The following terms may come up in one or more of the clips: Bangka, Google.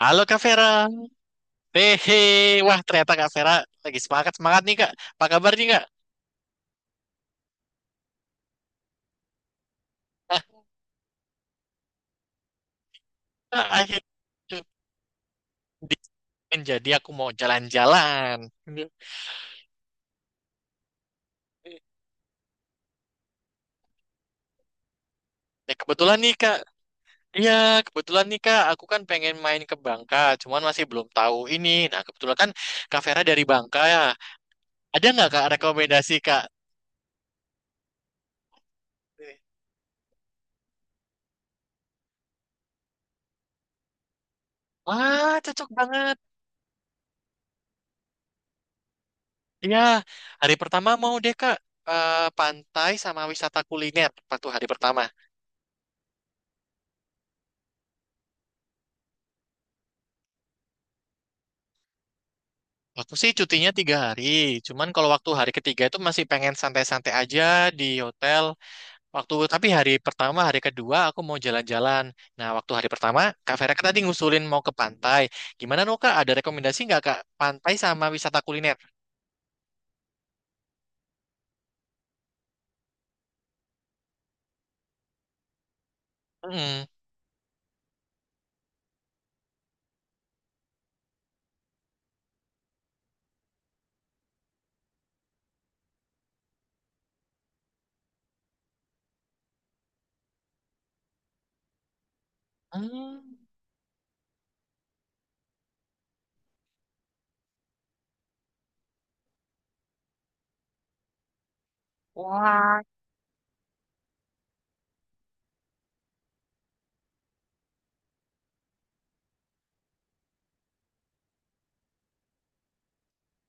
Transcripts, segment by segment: Halo Kak Vera. Hehe. Wah, ternyata Kak Vera lagi semangat-semangat nih Kak. Apa kabar nih Kak? Ah, akhirnya menjadi aku mau jalan-jalan. Ya, kebetulan nih Kak. Iya, kebetulan nih Kak. Aku kan pengen main ke Bangka. Cuman masih belum tahu ini. Nah, kebetulan kan Kak Vera dari Bangka ya. Ada nggak Kak rekomendasi Kak? Wah, cocok banget. Iya, hari pertama mau deh Kak. Eh, pantai sama wisata kuliner waktu hari pertama. Aku sih cutinya tiga hari, cuman kalau waktu hari ketiga itu masih pengen santai-santai aja di hotel. Waktu tapi hari pertama, hari kedua aku mau jalan-jalan. Nah, waktu hari pertama, Kak Vera kan tadi ngusulin mau ke pantai. Gimana no Kak? Ada rekomendasi nggak Kak? Pantai sama wisata kuliner? Mm. Hmm. Wah.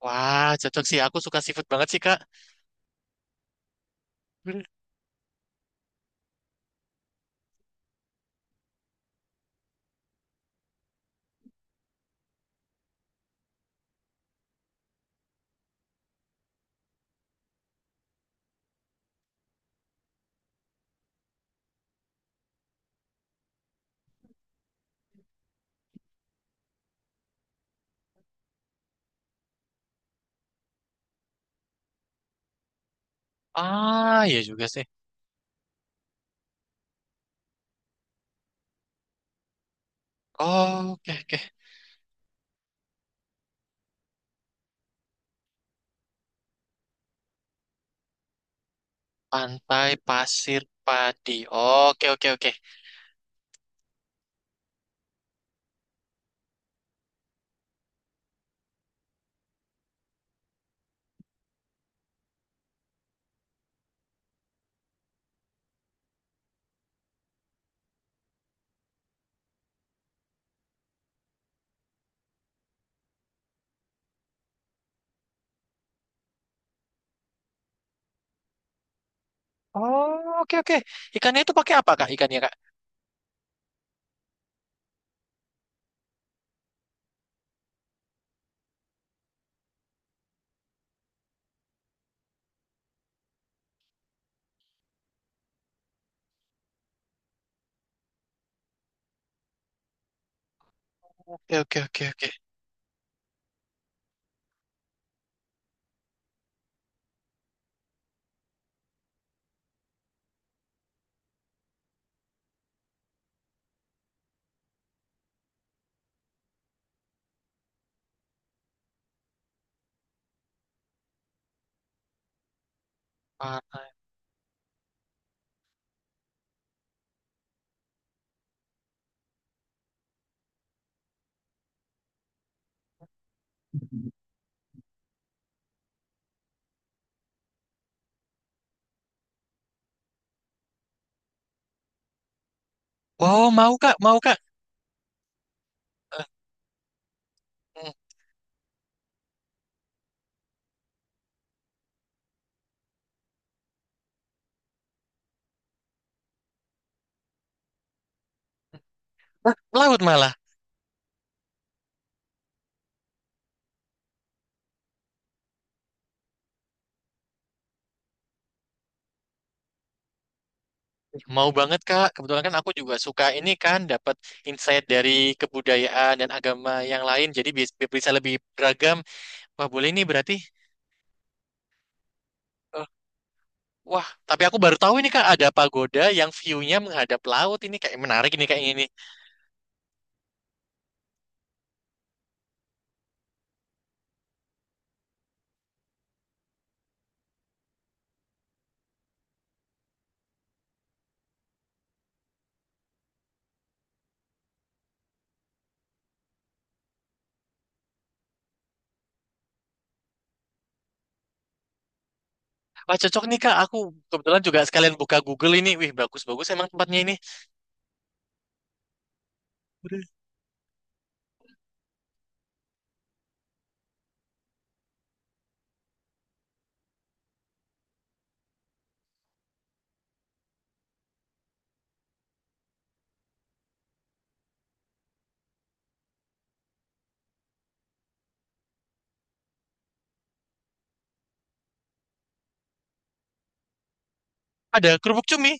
Wah, cocok sih. Aku suka seafood banget sih Kak. Hmm. Ah, iya juga sih. Oh, oke oke. Pantai pasir padi. Oke oke oke. Oh, oke oke. Ikannya itu pakai apa, Kak? Ikannya, Kak? Oke oke oke oke. Parah. Wow, mau, Kak? Mau, Kak? Eh, hmm. Hah, laut malah. Mau banget, Kak. Kebetulan kan aku juga suka ini kan dapat insight dari kebudayaan dan agama yang lain. Jadi bisa lebih beragam. Wah, boleh nih berarti. Eh, wah, tapi aku baru tahu ini Kak ada pagoda yang view-nya menghadap laut ini kayak menarik ini kayak ini. Wah, cocok nih Kak. Aku kebetulan juga sekalian buka Google ini. Wih, bagus-bagus emang tempatnya ini. Ada kerupuk cumi.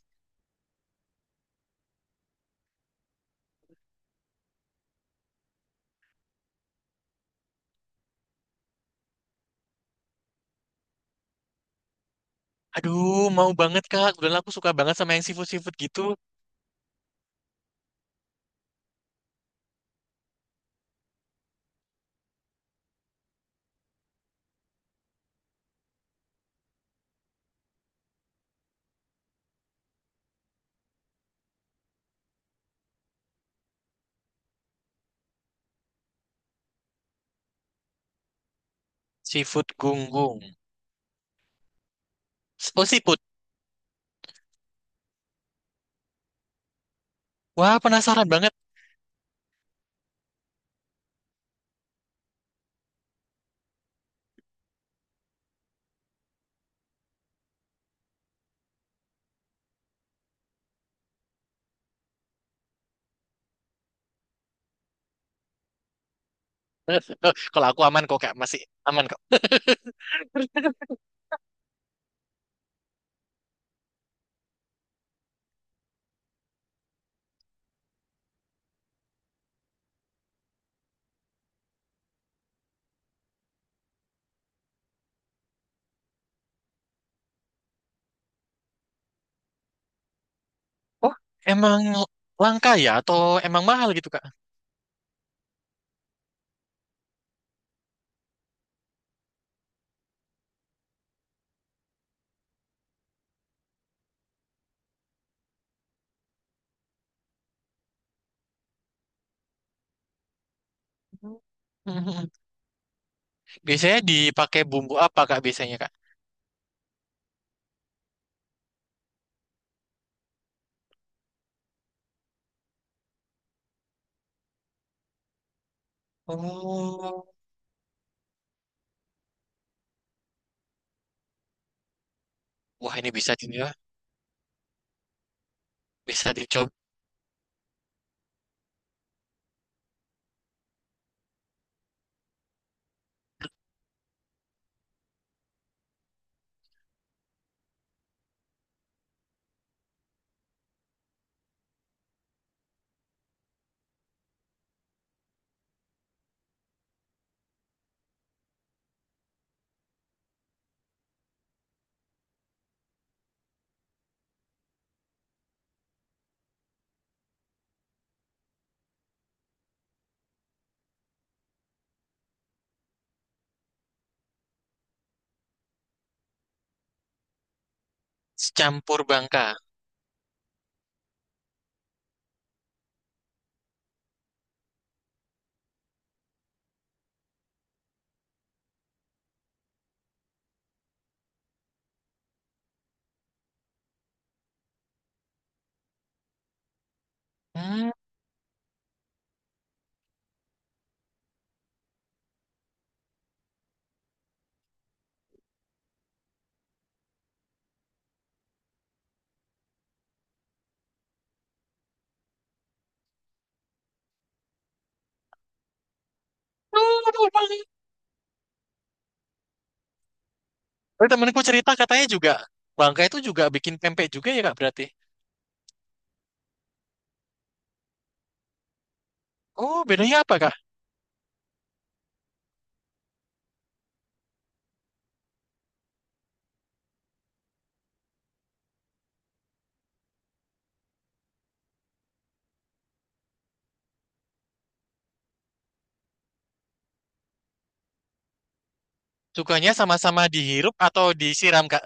Aduh, mau banget Kak. Kebetulan aku suka banget sama yang seafood-seafood gitu. Seafood gunggung. Oh, seafood. Wah, penasaran banget. Kalau aku aman kok, Kak. Masih aman kok. Oh, emang langka ya? Atau emang mahal gitu, Kak? Mhm. Biasanya dipakai bumbu apa, Kak, biasanya, Kak? Oh, wah ini bisa di ya, bisa dicoba campur bangka. Hmm. Oh, aduh, Bang. Oh, temanku cerita katanya juga bangka itu juga bikin pempek juga ya, Kak, berarti. Oh, bedanya apa, Kak? Sukanya sama-sama dihirup atau disiram, Kak?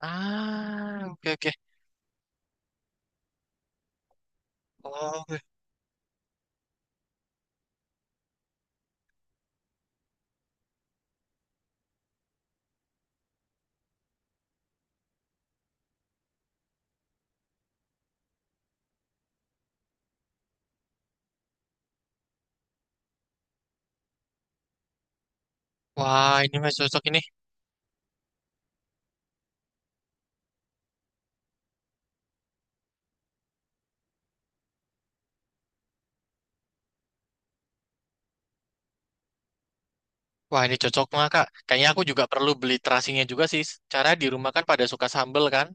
Ah, oke oke. Oh, oke. Wah, ini mah cocok ini. Wah, ini cocok banget, Kak. Kayaknya aku juga perlu beli terasinya juga sih. Cara di rumah kan pada suka sambel kan.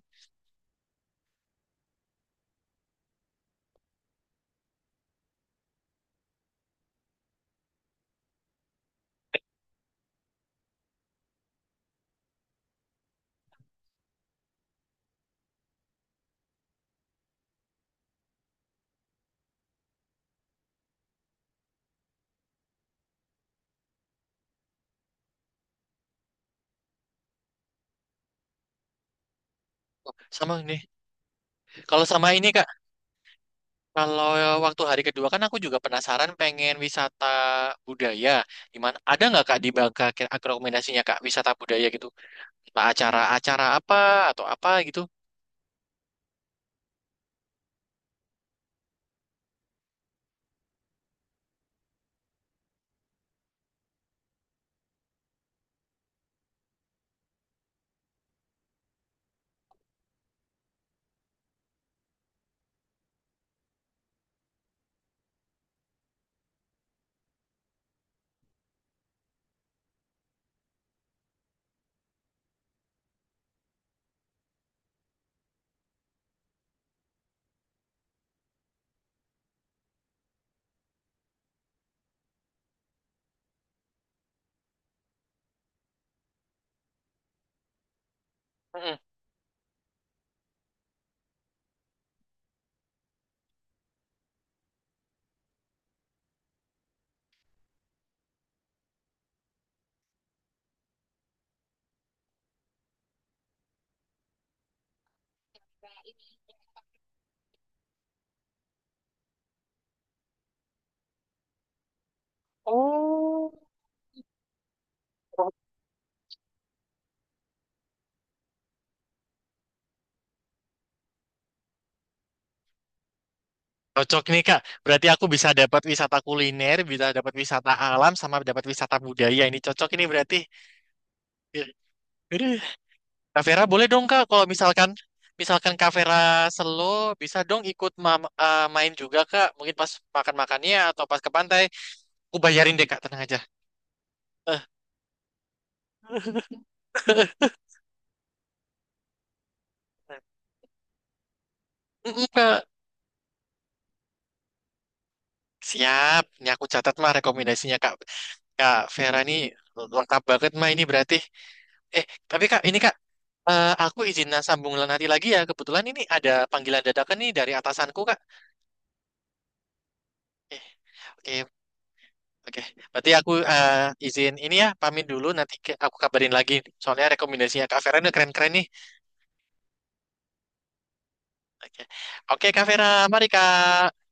Sama ini. Kalau sama ini, Kak. Kalau waktu hari kedua kan aku juga penasaran pengen wisata budaya. Gimana? Ada nggak, Kak, di Bangka kira rekomendasinya, Kak, wisata budaya gitu? Entah acara-acara apa atau apa gitu? Cocok nih Kak, berarti aku bisa dapat wisata kuliner, bisa dapat wisata alam, sama dapat wisata budaya. Ini cocok ini berarti. Ya. Aduh. Kak Vera boleh dong Kak, kalau misalkan misalkan Kak Vera selo, bisa dong ikut main juga Kak. Mungkin pas makan-makannya atau pas ke pantai, aku bayarin deh Kak, tenang aja. Eh, mm, mm, Kak. Siap, ini aku catat mah rekomendasinya Kak Kak Vera ini lengkap banget mah ini berarti. Eh, tapi Kak, ini Kak, aku izin sambung lain hati lagi ya. Kebetulan ini ada panggilan dadakan nih dari atasanku Kak. Eh, oke, oke. Berarti aku izin ini ya, pamit dulu nanti aku kabarin lagi. Soalnya rekomendasinya Kak Vera ini keren-keren nih. Oke, oke Kak Vera, mari Kak.